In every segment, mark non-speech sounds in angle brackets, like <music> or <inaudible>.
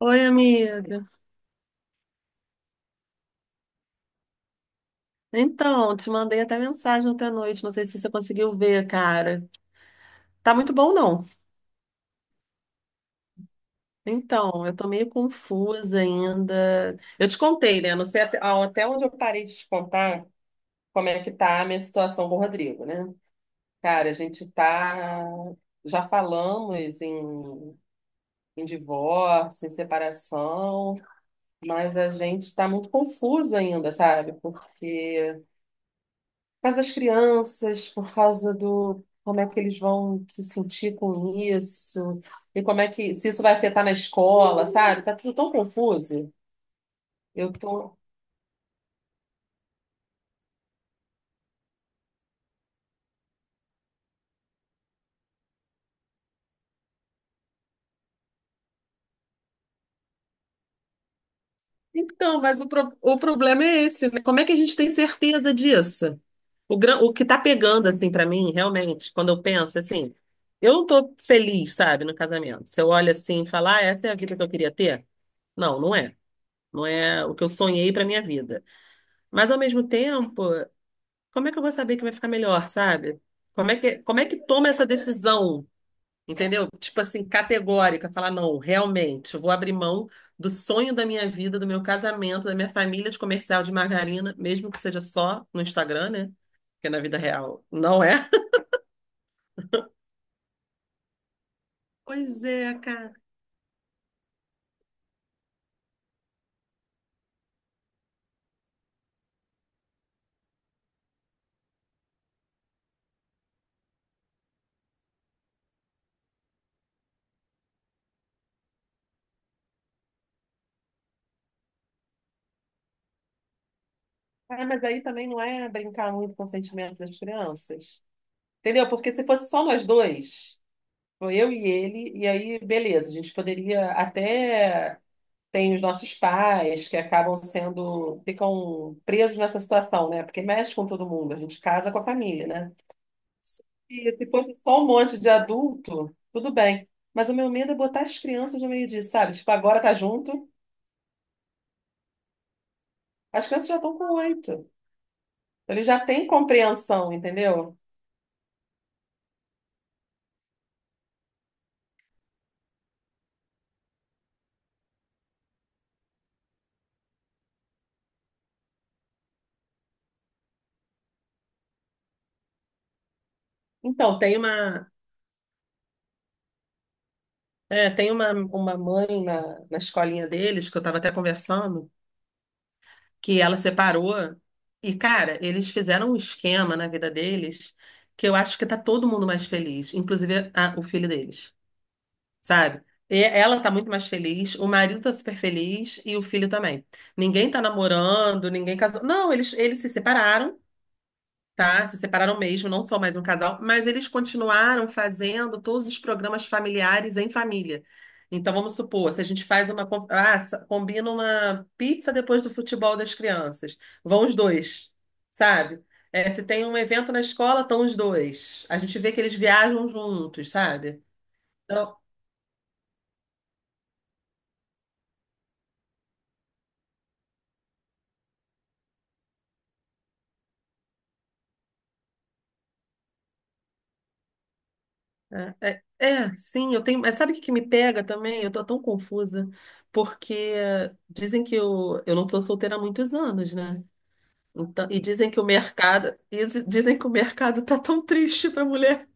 Oi, amiga. Então, te mandei até mensagem ontem à noite, não sei se você conseguiu ver, cara. Tá muito bom, não. Então, eu tô meio confusa ainda. Eu te contei, né? Não sei até, até onde eu parei de te contar como é que tá a minha situação com o Rodrigo, né? Cara, a gente tá. Já falamos em, em divórcio, em separação, mas a gente tá muito confuso ainda, sabe? Porque por causa das crianças, por causa do como é que eles vão se sentir com isso, e como é que se isso vai afetar na escola, sabe? Tá tudo tão confuso. Eu tô. Então, mas o problema é esse, né? Como é que a gente tem certeza disso? O que tá pegando, assim, pra mim, realmente, quando eu penso, assim, eu não tô feliz, sabe, no casamento. Se eu olho assim e falar, ah, essa é a vida que eu queria ter? Não, não é. Não é o que eu sonhei pra minha vida. Mas, ao mesmo tempo, como é que eu vou saber que vai ficar melhor, sabe? Como é que toma essa decisão, entendeu? Tipo assim, categórica, falar, não, realmente, eu vou abrir mão do sonho da minha vida, do meu casamento, da minha família de comercial de margarina, mesmo que seja só no Instagram, né? Porque na vida real não é. <laughs> Pois é, cara. Ah, mas aí também não é brincar muito com o sentimento das crianças. Entendeu? Porque se fosse só nós dois, foi eu e ele, e aí, beleza, a gente poderia até tem os nossos pais que acabam sendo, ficam presos nessa situação, né? Porque mexe com todo mundo, a gente casa com a família, né? E se fosse só um monte de adulto, tudo bem. Mas o meu medo é botar as crianças no meio disso, sabe? Tipo, agora tá junto, as crianças já estão com 8. Então, eles já têm compreensão, entendeu? Então, tem uma mãe na, na escolinha deles, que eu estava até conversando, que ela separou. E, cara, eles fizeram um esquema na vida deles que eu acho que tá todo mundo mais feliz, inclusive o filho deles, sabe? E ela tá muito mais feliz, o marido tá super feliz e o filho também. Ninguém tá namorando, ninguém casou. Não, eles se separaram, tá? Se separaram mesmo, não são mais um casal, mas eles continuaram fazendo todos os programas familiares em família. Então, vamos supor, se a gente faz uma. Con- Ah, sa- combina uma pizza depois do futebol das crianças. Vão os dois, sabe? É, se tem um evento na escola, estão os dois. A gente vê que eles viajam juntos, sabe? Então, é, sim, eu tenho. Mas sabe o que que me pega também? Eu tô tão confusa, porque dizem que eu não sou solteira há muitos anos, né? Então, e dizem que o mercado tá tão triste para a mulher.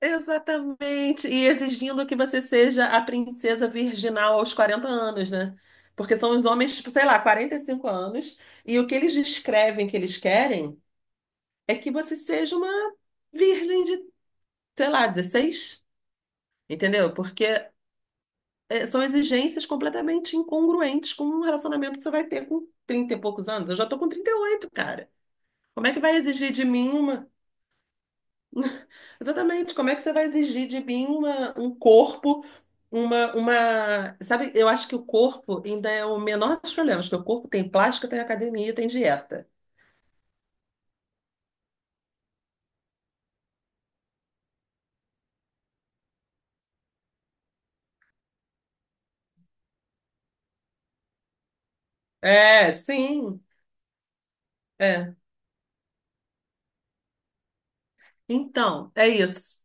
Exatamente. E exigindo que você seja a princesa virginal aos 40 anos, né? Porque são os homens, tipo, sei lá, 45 anos, e o que eles descrevem que eles querem é que você seja uma virgem de, sei lá, 16, entendeu? Porque são exigências completamente incongruentes com um relacionamento que você vai ter com 30 e poucos anos. Eu já tô com 38, cara. Como é que vai exigir de mim… <laughs> Exatamente. Como é que você vai exigir de mim um corpo, uma. Sabe, eu acho que o corpo ainda é o menor dos problemas, porque o corpo tem plástica, tem academia, tem dieta. É, sim. É. Então, é isso.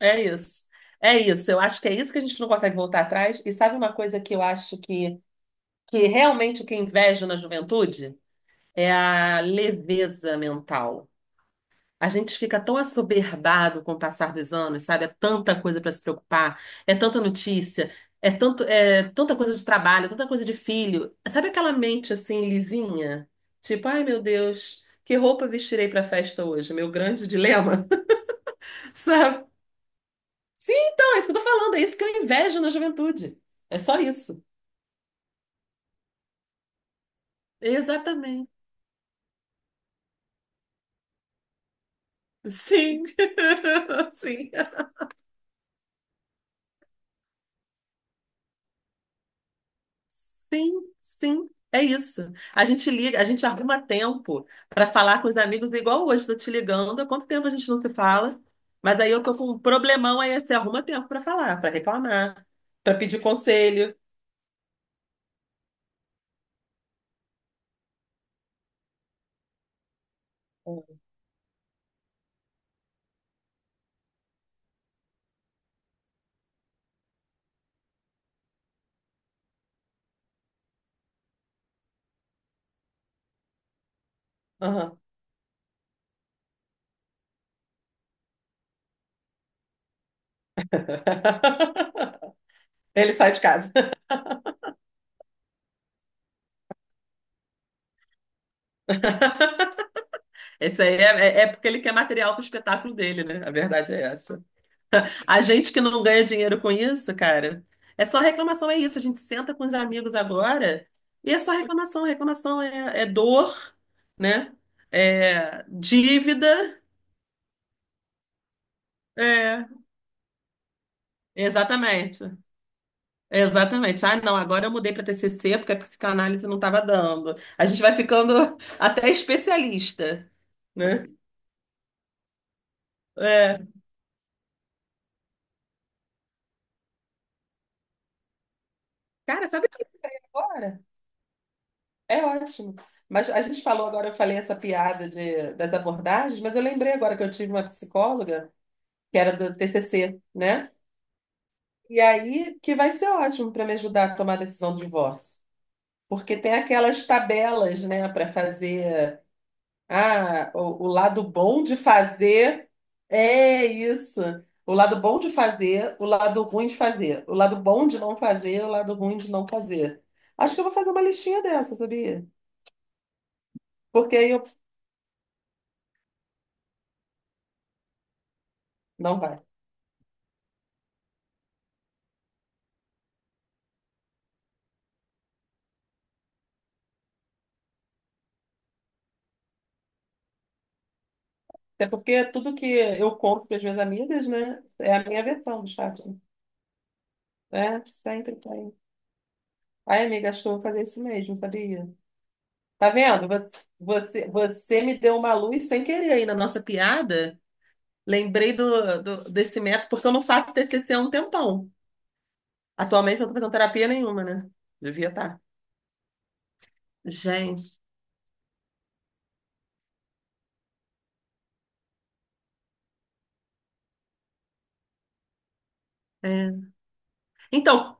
É isso. É isso. Eu acho que é isso que a gente não consegue voltar atrás. E sabe uma coisa que realmente o que eu invejo na juventude? É a leveza mental. A gente fica tão assoberbado com o passar dos anos, sabe? É tanta coisa para se preocupar, é tanta notícia, é tanta coisa de trabalho, é tanta coisa de filho. Sabe aquela mente assim lisinha? Tipo, ai meu Deus, que roupa vestirei para a festa hoje? Meu grande dilema, <laughs> sabe? Sim, então, é isso que eu tô falando, é isso que eu invejo na juventude. É só isso. Exatamente. Sim. <laughs> Sim. Sim, sim, é isso. A gente liga, a gente arruma tempo para falar com os amigos, igual hoje, estou te ligando. Há quanto tempo a gente não se fala? Mas aí eu tô com um problemão, aí você arruma tempo para falar, para reclamar, para pedir conselho. Aham. <laughs> Ele sai de casa. <laughs> Esse aí é, é porque ele quer material para o espetáculo dele, né? A verdade é essa. A gente que não ganha dinheiro com isso, cara, é só reclamação, é isso. A gente senta com os amigos agora e é só reclamação. É dor, né? É dívida. É, exatamente. Exatamente. Ah, não, agora eu mudei para TCC porque a psicanálise não estava dando. A gente vai ficando <laughs> até especialista, né? É. Cara, sabe o que eu lembrei agora? É ótimo. Mas a gente falou agora, eu falei essa piada de, das abordagens, mas eu lembrei agora que eu tive uma psicóloga que era do TCC, né? E aí que vai ser ótimo para me ajudar a tomar a decisão do divórcio. Porque tem aquelas tabelas, né, para fazer. Ah, o lado bom de fazer é isso. O lado bom de fazer, o lado ruim de fazer. O lado bom de não fazer, o lado ruim de não fazer. Acho que eu vou fazer uma listinha dessa, sabia? Porque aí eu. Não vai. Até porque tudo que eu conto para as minhas amigas, né, é a minha versão dos fatos. Né? Sempre tem. Ai, amiga, acho que eu vou fazer isso mesmo, sabia? Tá vendo? Você me deu uma luz sem querer aí na nossa piada. Lembrei desse método, porque eu não faço TCC há um tempão. Atualmente eu não tô fazendo terapia nenhuma, né? Devia estar. Gente. É. Então,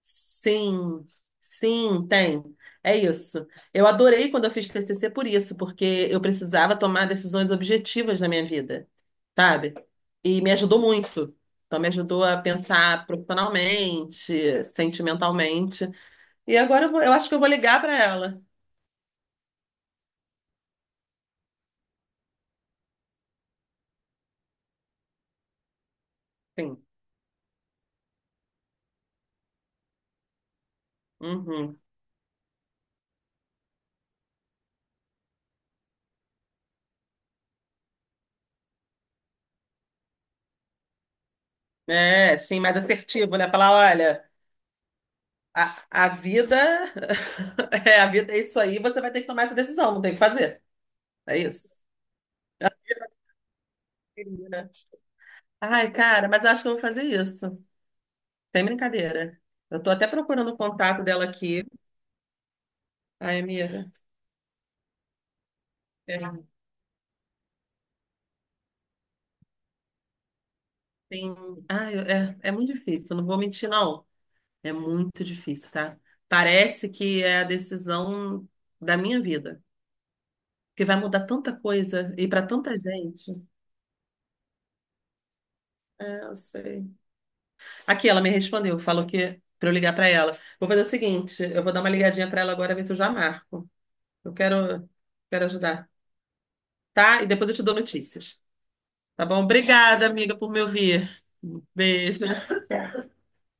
sim, sim, tem. É isso. Eu adorei quando eu fiz TCC por isso, porque eu precisava tomar decisões objetivas na minha vida, sabe? E me ajudou muito. Então, me ajudou a pensar profissionalmente, sentimentalmente. E agora eu acho que eu vou ligar para ela. Sim. Uhum. É, sim, mais assertivo, né? Falar, olha, a vida… <laughs> É, a vida é isso aí, você vai ter que tomar essa decisão, não tem o que fazer. É isso. Ai, cara, mas eu acho que eu vou fazer isso. Tem brincadeira. Eu tô até procurando o contato dela aqui. Ai, amiga. É, tem… Ai, é, é muito difícil, não vou mentir, não. É muito difícil, tá? Parece que é a decisão da minha vida. Que vai mudar tanta coisa e pra tanta gente. É, eu sei. Aqui, ela me respondeu, falou que pra eu ligar pra ela. Vou fazer o seguinte, eu vou dar uma ligadinha pra ela agora, ver se eu já marco. Eu quero, quero ajudar, tá? E depois eu te dou notícias. Tá bom? Obrigada, amiga, por me ouvir. Beijo.